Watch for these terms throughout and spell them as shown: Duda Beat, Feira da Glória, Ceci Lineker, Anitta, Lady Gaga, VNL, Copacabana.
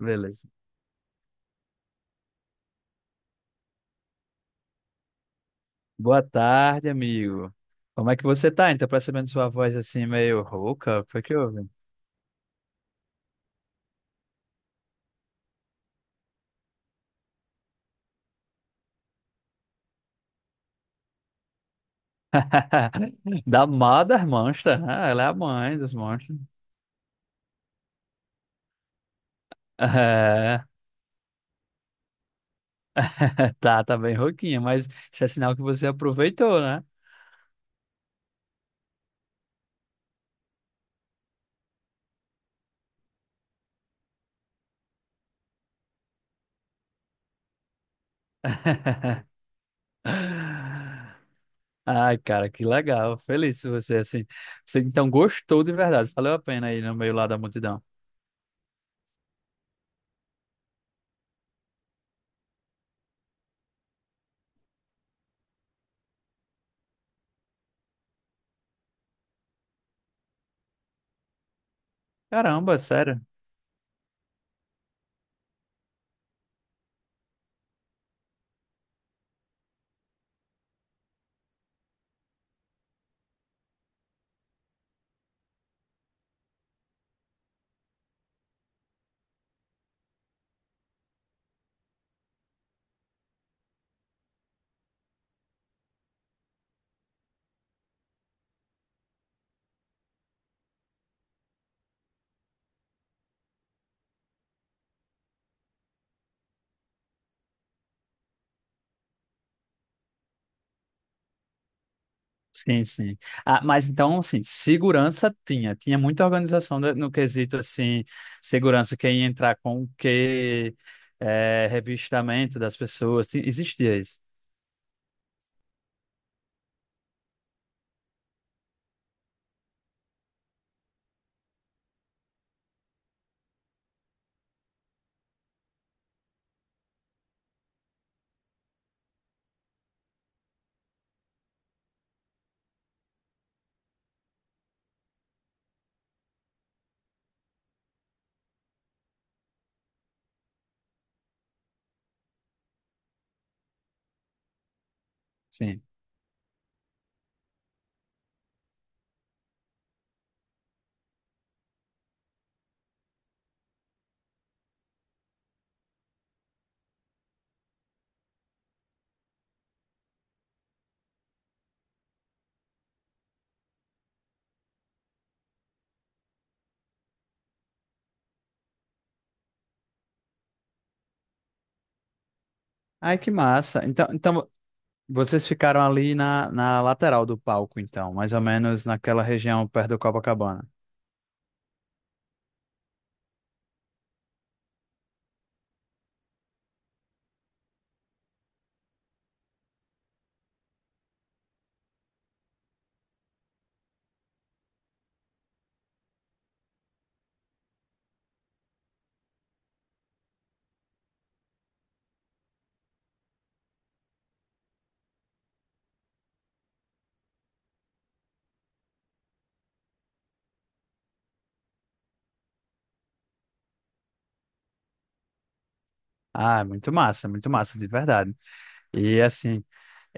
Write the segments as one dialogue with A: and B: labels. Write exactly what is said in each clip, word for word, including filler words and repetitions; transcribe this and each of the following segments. A: Beleza. Boa tarde, amigo. Como é que você tá? Então, percebendo sua voz assim meio rouca, foi que houve? Da Mother Monster, né? Ela é a mãe dos monstros. É. Tá, tá bem rouquinha, mas isso é sinal que você aproveitou, né? Ai, cara, que legal. Feliz por você, assim. Você então gostou de verdade. Valeu a pena aí no meio lá da multidão. Caramba, sério. Sim, sim. Ah, mas então, assim, segurança tinha. Tinha muita organização da- no quesito, assim, segurança, quem ia entrar com o quê, eh, revistamento das pessoas. ti- Existia isso. Sim. Ai, que massa. Então, então vocês ficaram ali na, na lateral do palco, então, mais ou menos naquela região perto do Copacabana. Ah, muito massa, muito massa, de verdade. E assim.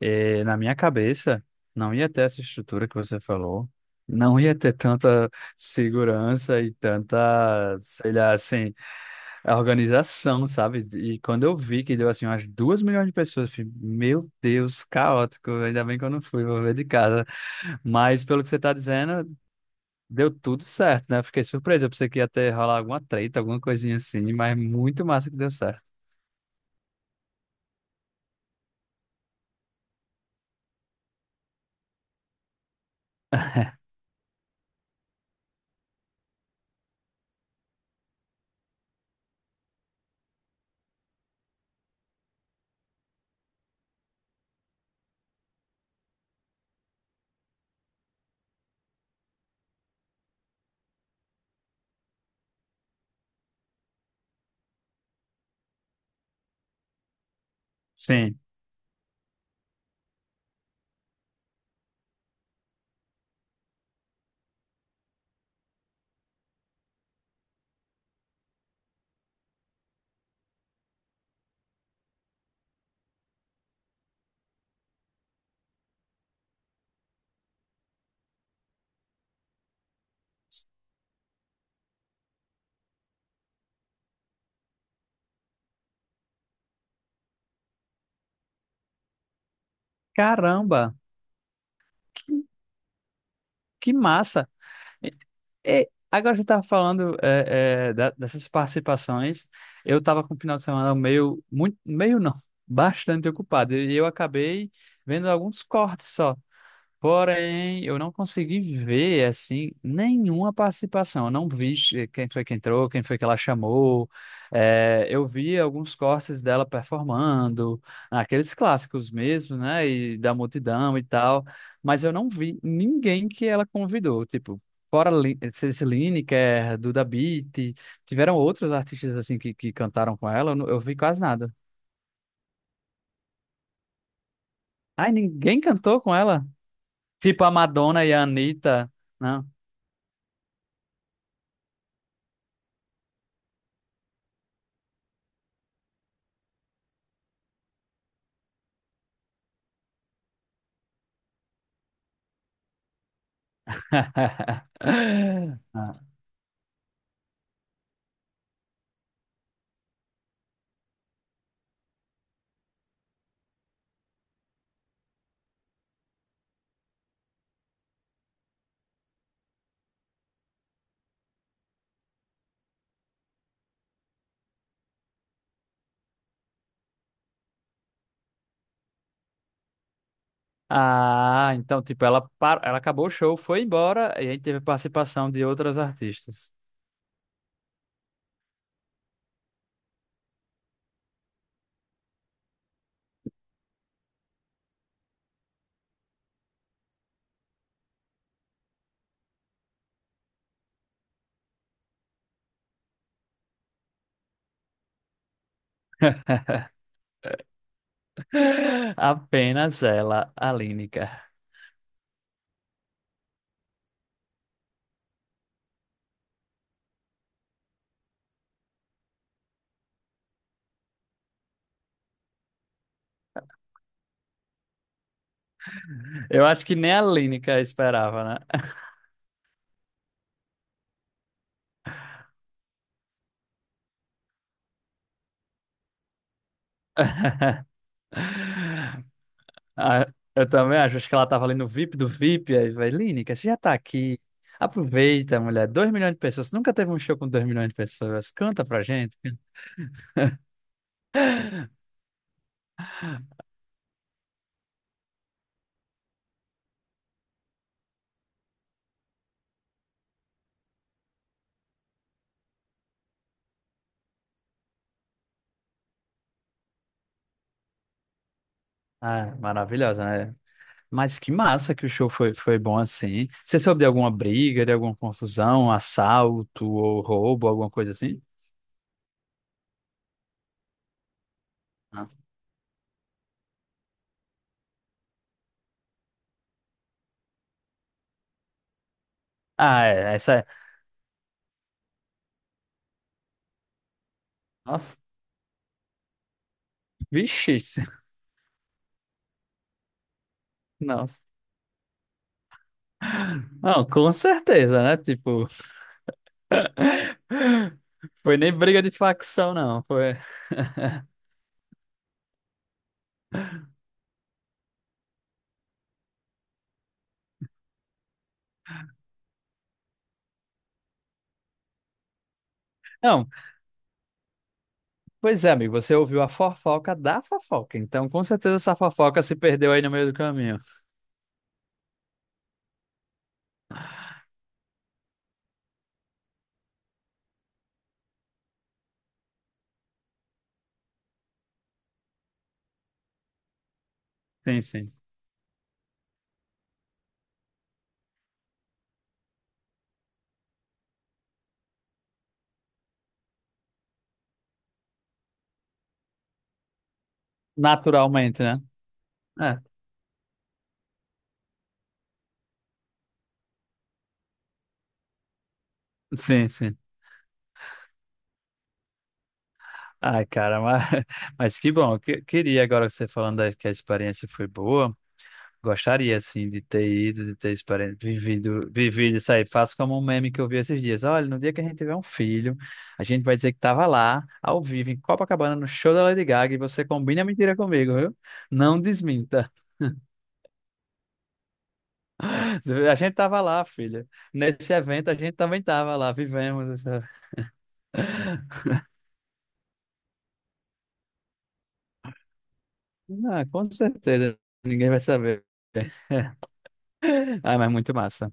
A: E na minha cabeça, não ia ter essa estrutura que você falou, não ia ter tanta segurança e tanta, sei lá, assim, organização, sabe? E quando eu vi que deu, assim, umas duas milhões de pessoas, eu falei, meu Deus, caótico, ainda bem que eu não fui, vou ver de casa. Mas, pelo que você tá dizendo, deu tudo certo, né? Eu fiquei surpreso, eu pensei que ia ter rolar alguma treta, alguma coisinha assim, mas muito massa que deu certo. Sim. Caramba, que, que massa! É, agora você estava falando é, é, da- dessas participações. Eu estava com o final de semana meio, muito, meio não, bastante ocupado. E eu acabei vendo alguns cortes só. Porém, eu não consegui ver, assim, nenhuma participação. Eu não vi che- quem foi que entrou, quem foi que ela chamou. É, eu vi alguns cortes dela performando, aqueles clássicos mesmo, né? E da multidão e tal. Mas eu não vi ninguém que ela convidou. Tipo, fora Lin- Ceci Lineker, Duda Beat, tiveram outros artistas, assim, que, que cantaram com ela. Eu, não- eu vi quase nada. Ai, ninguém cantou com ela? Tipo a Madonna e a Anitta. Né? Ah, então, tipo, ela, par... ela acabou o show, foi embora e aí teve participação de outras artistas. Apenas ela, a Lineker. Eu acho que nem a Lineker esperava, né? Ah, eu também acho, acho que ela tava ali no V I P do V I P, aí vai, Lineker, você já tá aqui. Aproveita, mulher. Dois milhões de pessoas. Nunca teve um show com dois milhões de pessoas. Canta pra gente. Ah, maravilhosa, né? Mas que massa que o show foi, foi bom assim. Você soube de alguma briga, de alguma confusão, assalto ou roubo, alguma coisa assim? Não. Ah, é, essa é. Nossa, vixe, isso- nossa. Não, com certeza, né? Tipo, foi nem briga de facção, não. Foi... Não, pois é, amigo, você ouviu a fofoca da fofoca. Então, com certeza, essa fofoca se perdeu aí no meio do caminho. Sim, sim. Naturalmente, né? É, sim, sim. Ai, cara, mas, mas que bom. Que- queria agora que você falando da- que a experiência foi boa. Gostaria, assim, de ter ido, de ter experi- vivido, vivido isso aí. Faço como um meme que eu vi esses dias. Olha, no dia que a gente tiver um filho, a gente vai dizer que tava lá, ao vivo, em Copacabana, no show da Lady Gaga, e você combina a mentira comigo, viu? Não desminta. A gente tava lá, filha. Nesse evento, a gente também tava lá, vivemos essa... Ah, com certeza, ninguém vai saber. Ah, mas muito massa.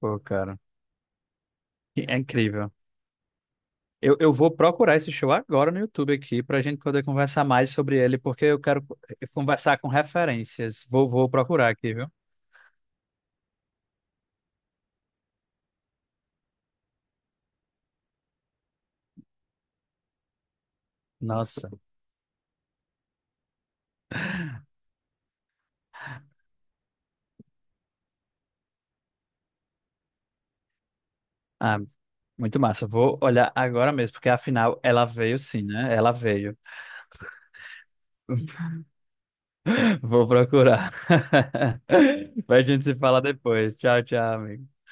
A: Pô, cara. Que é incrível. Eu, eu vou procurar esse show agora no YouTube aqui para a gente poder conversar mais sobre ele, porque eu quero conversar com referências. Vou, vou procurar aqui, viu? Nossa. Ah, muito massa. Vou olhar agora mesmo, porque afinal ela veio sim, né? Ela veio. Vou procurar. Mas a gente se fala depois. Tchau, tchau, amigo.